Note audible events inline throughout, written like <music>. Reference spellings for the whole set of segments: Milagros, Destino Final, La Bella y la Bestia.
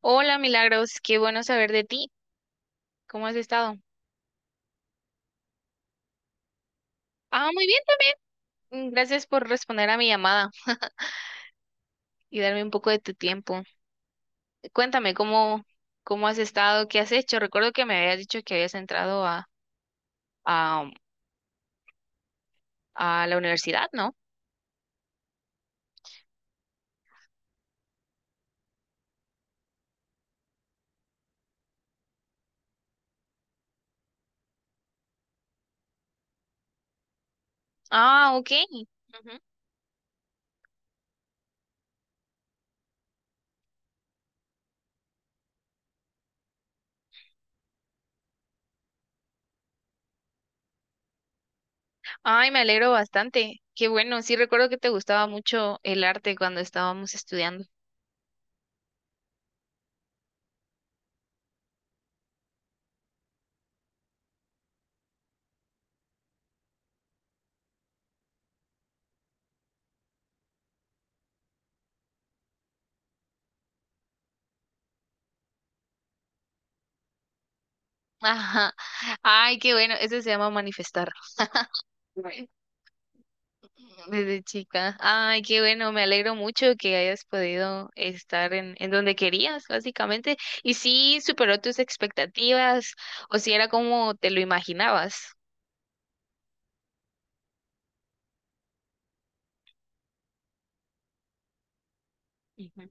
Hola, Milagros, qué bueno saber de ti. ¿Cómo has estado? Ah, muy bien también. Gracias por responder a mi llamada y darme un poco de tu tiempo. Cuéntame cómo, cómo has estado, qué has hecho. Recuerdo que me habías dicho que habías entrado a, a la universidad, ¿no? Ah, ok. Ujú. Ay, me alegro bastante. Qué bueno. Sí, recuerdo que te gustaba mucho el arte cuando estábamos estudiando. <laughs> Ajá. Ay, qué bueno. Eso se llama manifestar. Desde chica. Ay, qué bueno, me alegro mucho que hayas podido estar en donde querías, básicamente. Y si superó tus expectativas o si era como te lo imaginabas. Ujú.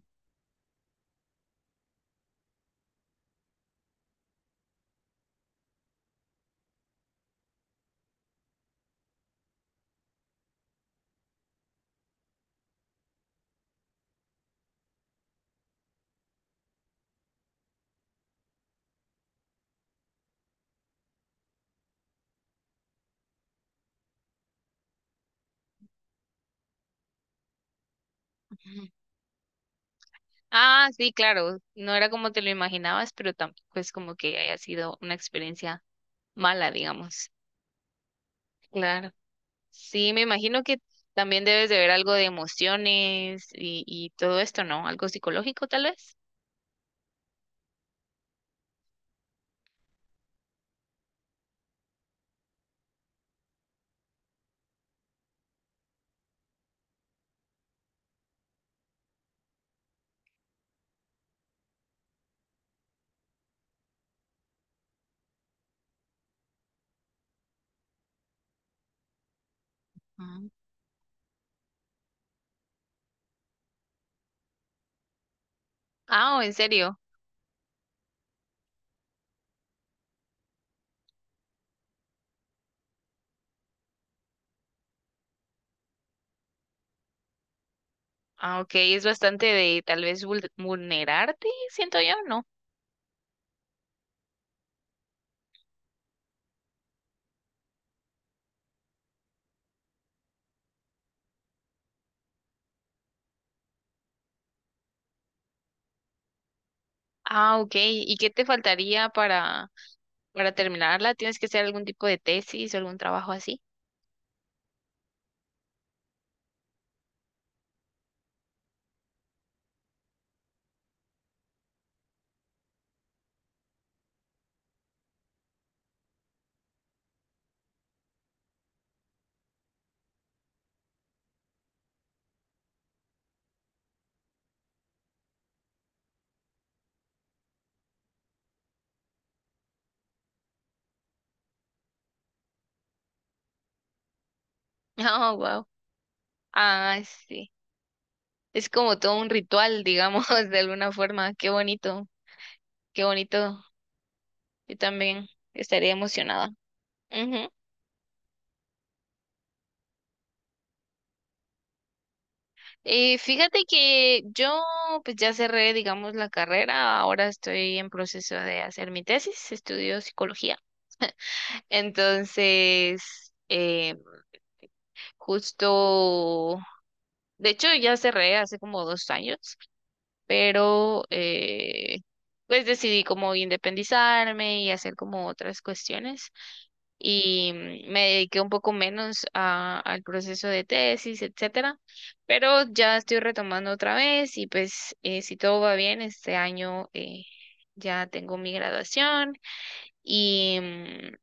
Ah, sí, claro, no era como te lo imaginabas, pero tampoco es como que haya sido una experiencia mala, digamos. Claro. Sí, me imagino que también debes de ver algo de emociones y todo esto, ¿no? Algo psicológico, tal vez. Ujú. Ah, ¿en serio? Ah, ok, es bastante de tal vez vulnerarte, siento yo, ¿no? Ah, ok, ¿y qué te faltaría para terminarla? ¿Tienes que hacer algún tipo de tesis o algún trabajo así? <laughs> Ah, wow. Ah, sí. Es como todo un ritual, digamos, <laughs> de alguna forma. Qué bonito, qué bonito. Yo también estaría emocionada. Ujú. Fíjate que yo pues ya cerré, digamos, la carrera. Ahora estoy en proceso de hacer mi tesis. Estudio psicología. Entonces, justo, de hecho ya cerré hace como dos años, pero pues decidí como independizarme y hacer como otras cuestiones y me dediqué un poco menos al proceso de tesis, etcétera, pero ya estoy retomando otra vez y pues si todo va bien, este año ya tengo mi graduación y... mm,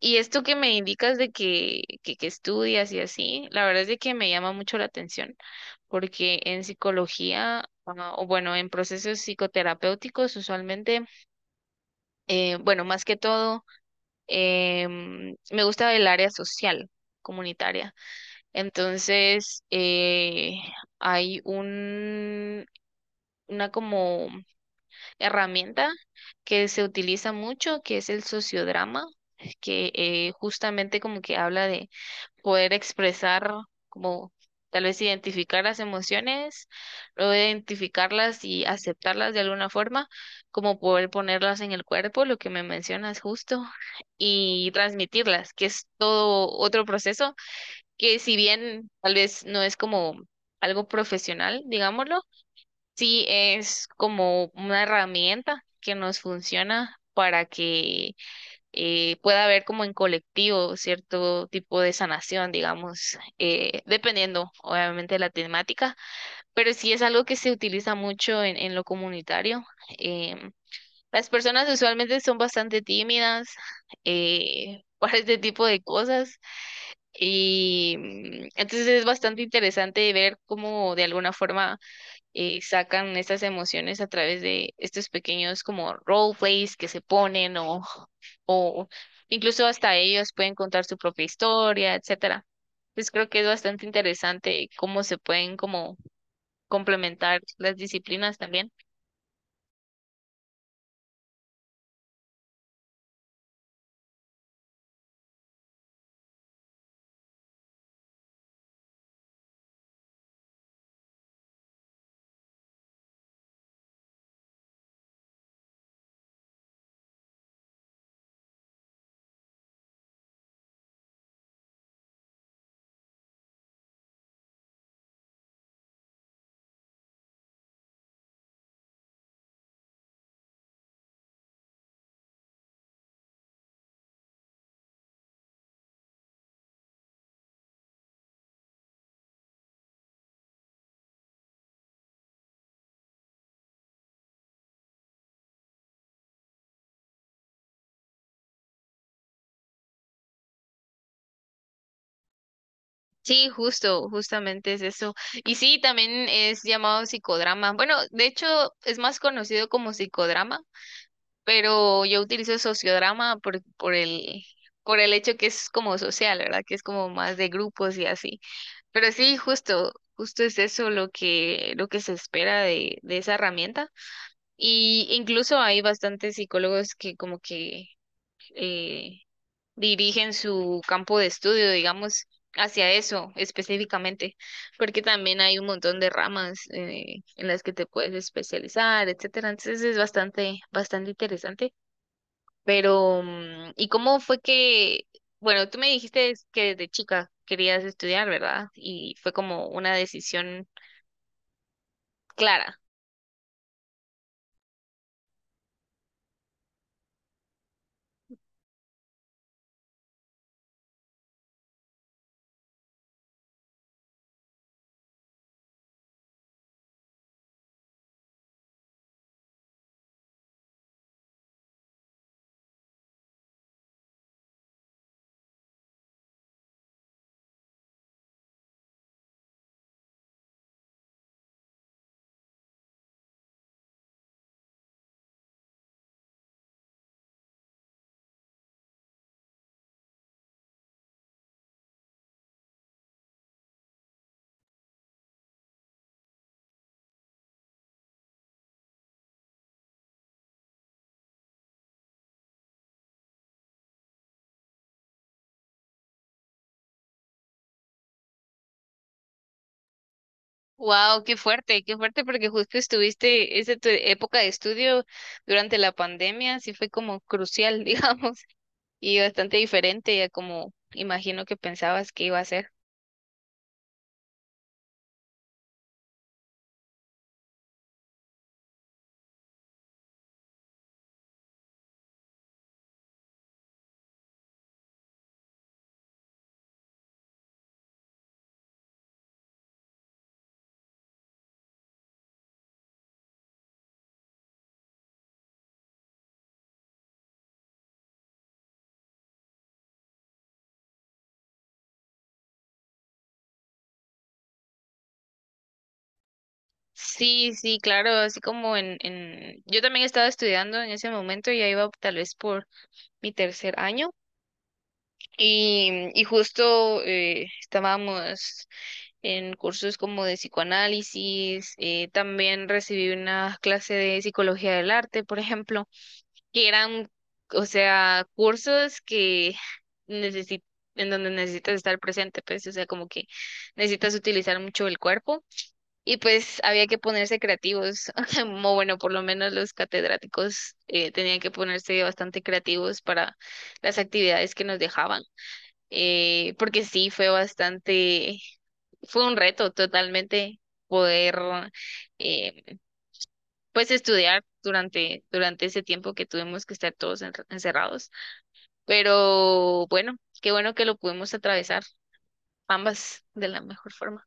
y esto que me indicas de que estudias y así, la verdad es de que me llama mucho la atención, porque en psicología, ah, o bueno, en procesos psicoterapéuticos usualmente, bueno, más que todo, me gusta el área social, comunitaria. Entonces, hay una como herramienta que se utiliza mucho, que es el sociodrama, que justamente como que habla de poder expresar, como tal vez identificar las emociones, luego identificarlas y aceptarlas de alguna forma, como poder ponerlas en el cuerpo, lo que me mencionas justo, y transmitirlas, que es todo otro proceso que si bien tal vez no es como algo profesional, digámoslo, sí es como una herramienta que nos funciona para que pueda haber como en colectivo cierto tipo de sanación, digamos, dependiendo obviamente de la temática, pero sí es algo que se utiliza mucho en lo comunitario. Em, las personas usualmente son bastante tímidas <laughs> para este tipo de cosas y entonces es bastante interesante ver cómo de alguna forma sacan estas emociones a través de estos pequeños como roleplays que se ponen o incluso hasta ellos pueden contar su propia historia, etcétera. Entonces creo que es bastante interesante cómo se pueden como complementar las disciplinas también. Sí, justo, justamente es eso. Y sí, también es llamado psicodrama. Bueno, de hecho es más conocido como psicodrama, pero yo utilizo sociodrama por el hecho que es como social, ¿verdad? Que es como más de grupos y así. Pero sí, justo, justo es eso lo lo que se espera de esa herramienta. Y incluso hay bastantes psicólogos que como que eh, dirigen su campo de estudio, digamos, hacia eso específicamente, porque también hay un montón de ramas en las que te puedes especializar, etcétera. Entonces es bastante, bastante interesante. Pero, ¿y cómo fue que, bueno, tú me dijiste que desde chica querías estudiar, ¿verdad? Y fue como una decisión clara. Wow, qué fuerte, porque justo estuviste, esa tu época de estudio durante la pandemia, sí fue como crucial, <laughs> digamos, y bastante diferente a como imagino que pensabas que iba a ser. Sí, sí, claro, así como yo también estaba estudiando en ese momento, ya iba tal vez por mi tercer año, y justo estábamos en cursos como de psicoanálisis, también recibí una clase de psicología del arte, por ejemplo, que eran, o sea, cursos que necesi- en donde necesitas estar presente, pues, o sea, como que necesitas utilizar mucho el cuerpo y pues había que ponerse creativos, <laughs> o bueno, por lo menos los catedráticos tenían que ponerse bastante creativos para las actividades que nos dejaban, porque sí, fue bastante, fue un reto totalmente poder eh, pues estudiar durante ese tiempo que tuvimos que estar todos encerrados. Pero bueno, qué bueno que lo pudimos atravesar ambas de la mejor forma.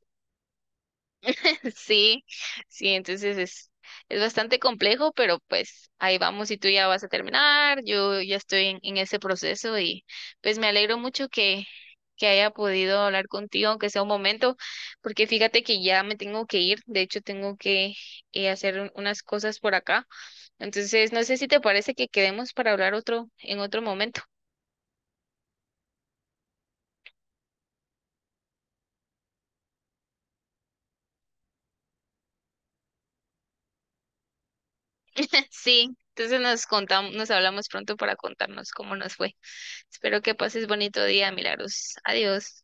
<laughs> Sí, sí, entonces es bastante complejo, pero pues ahí vamos y tú ya vas a terminar, yo ya estoy en ese proceso y pues me alegro mucho que haya podido hablar contigo, aunque sea un momento, porque fíjate que ya me tengo que ir, de hecho tengo que hacer unas cosas por acá, entonces no sé si te parece que quedemos para hablar otro en otro momento. <laughs> Sí, entonces nos contamos, nos hablamos pronto para contarnos cómo nos fue. Espero que pases bonito día, Milagros. Adiós.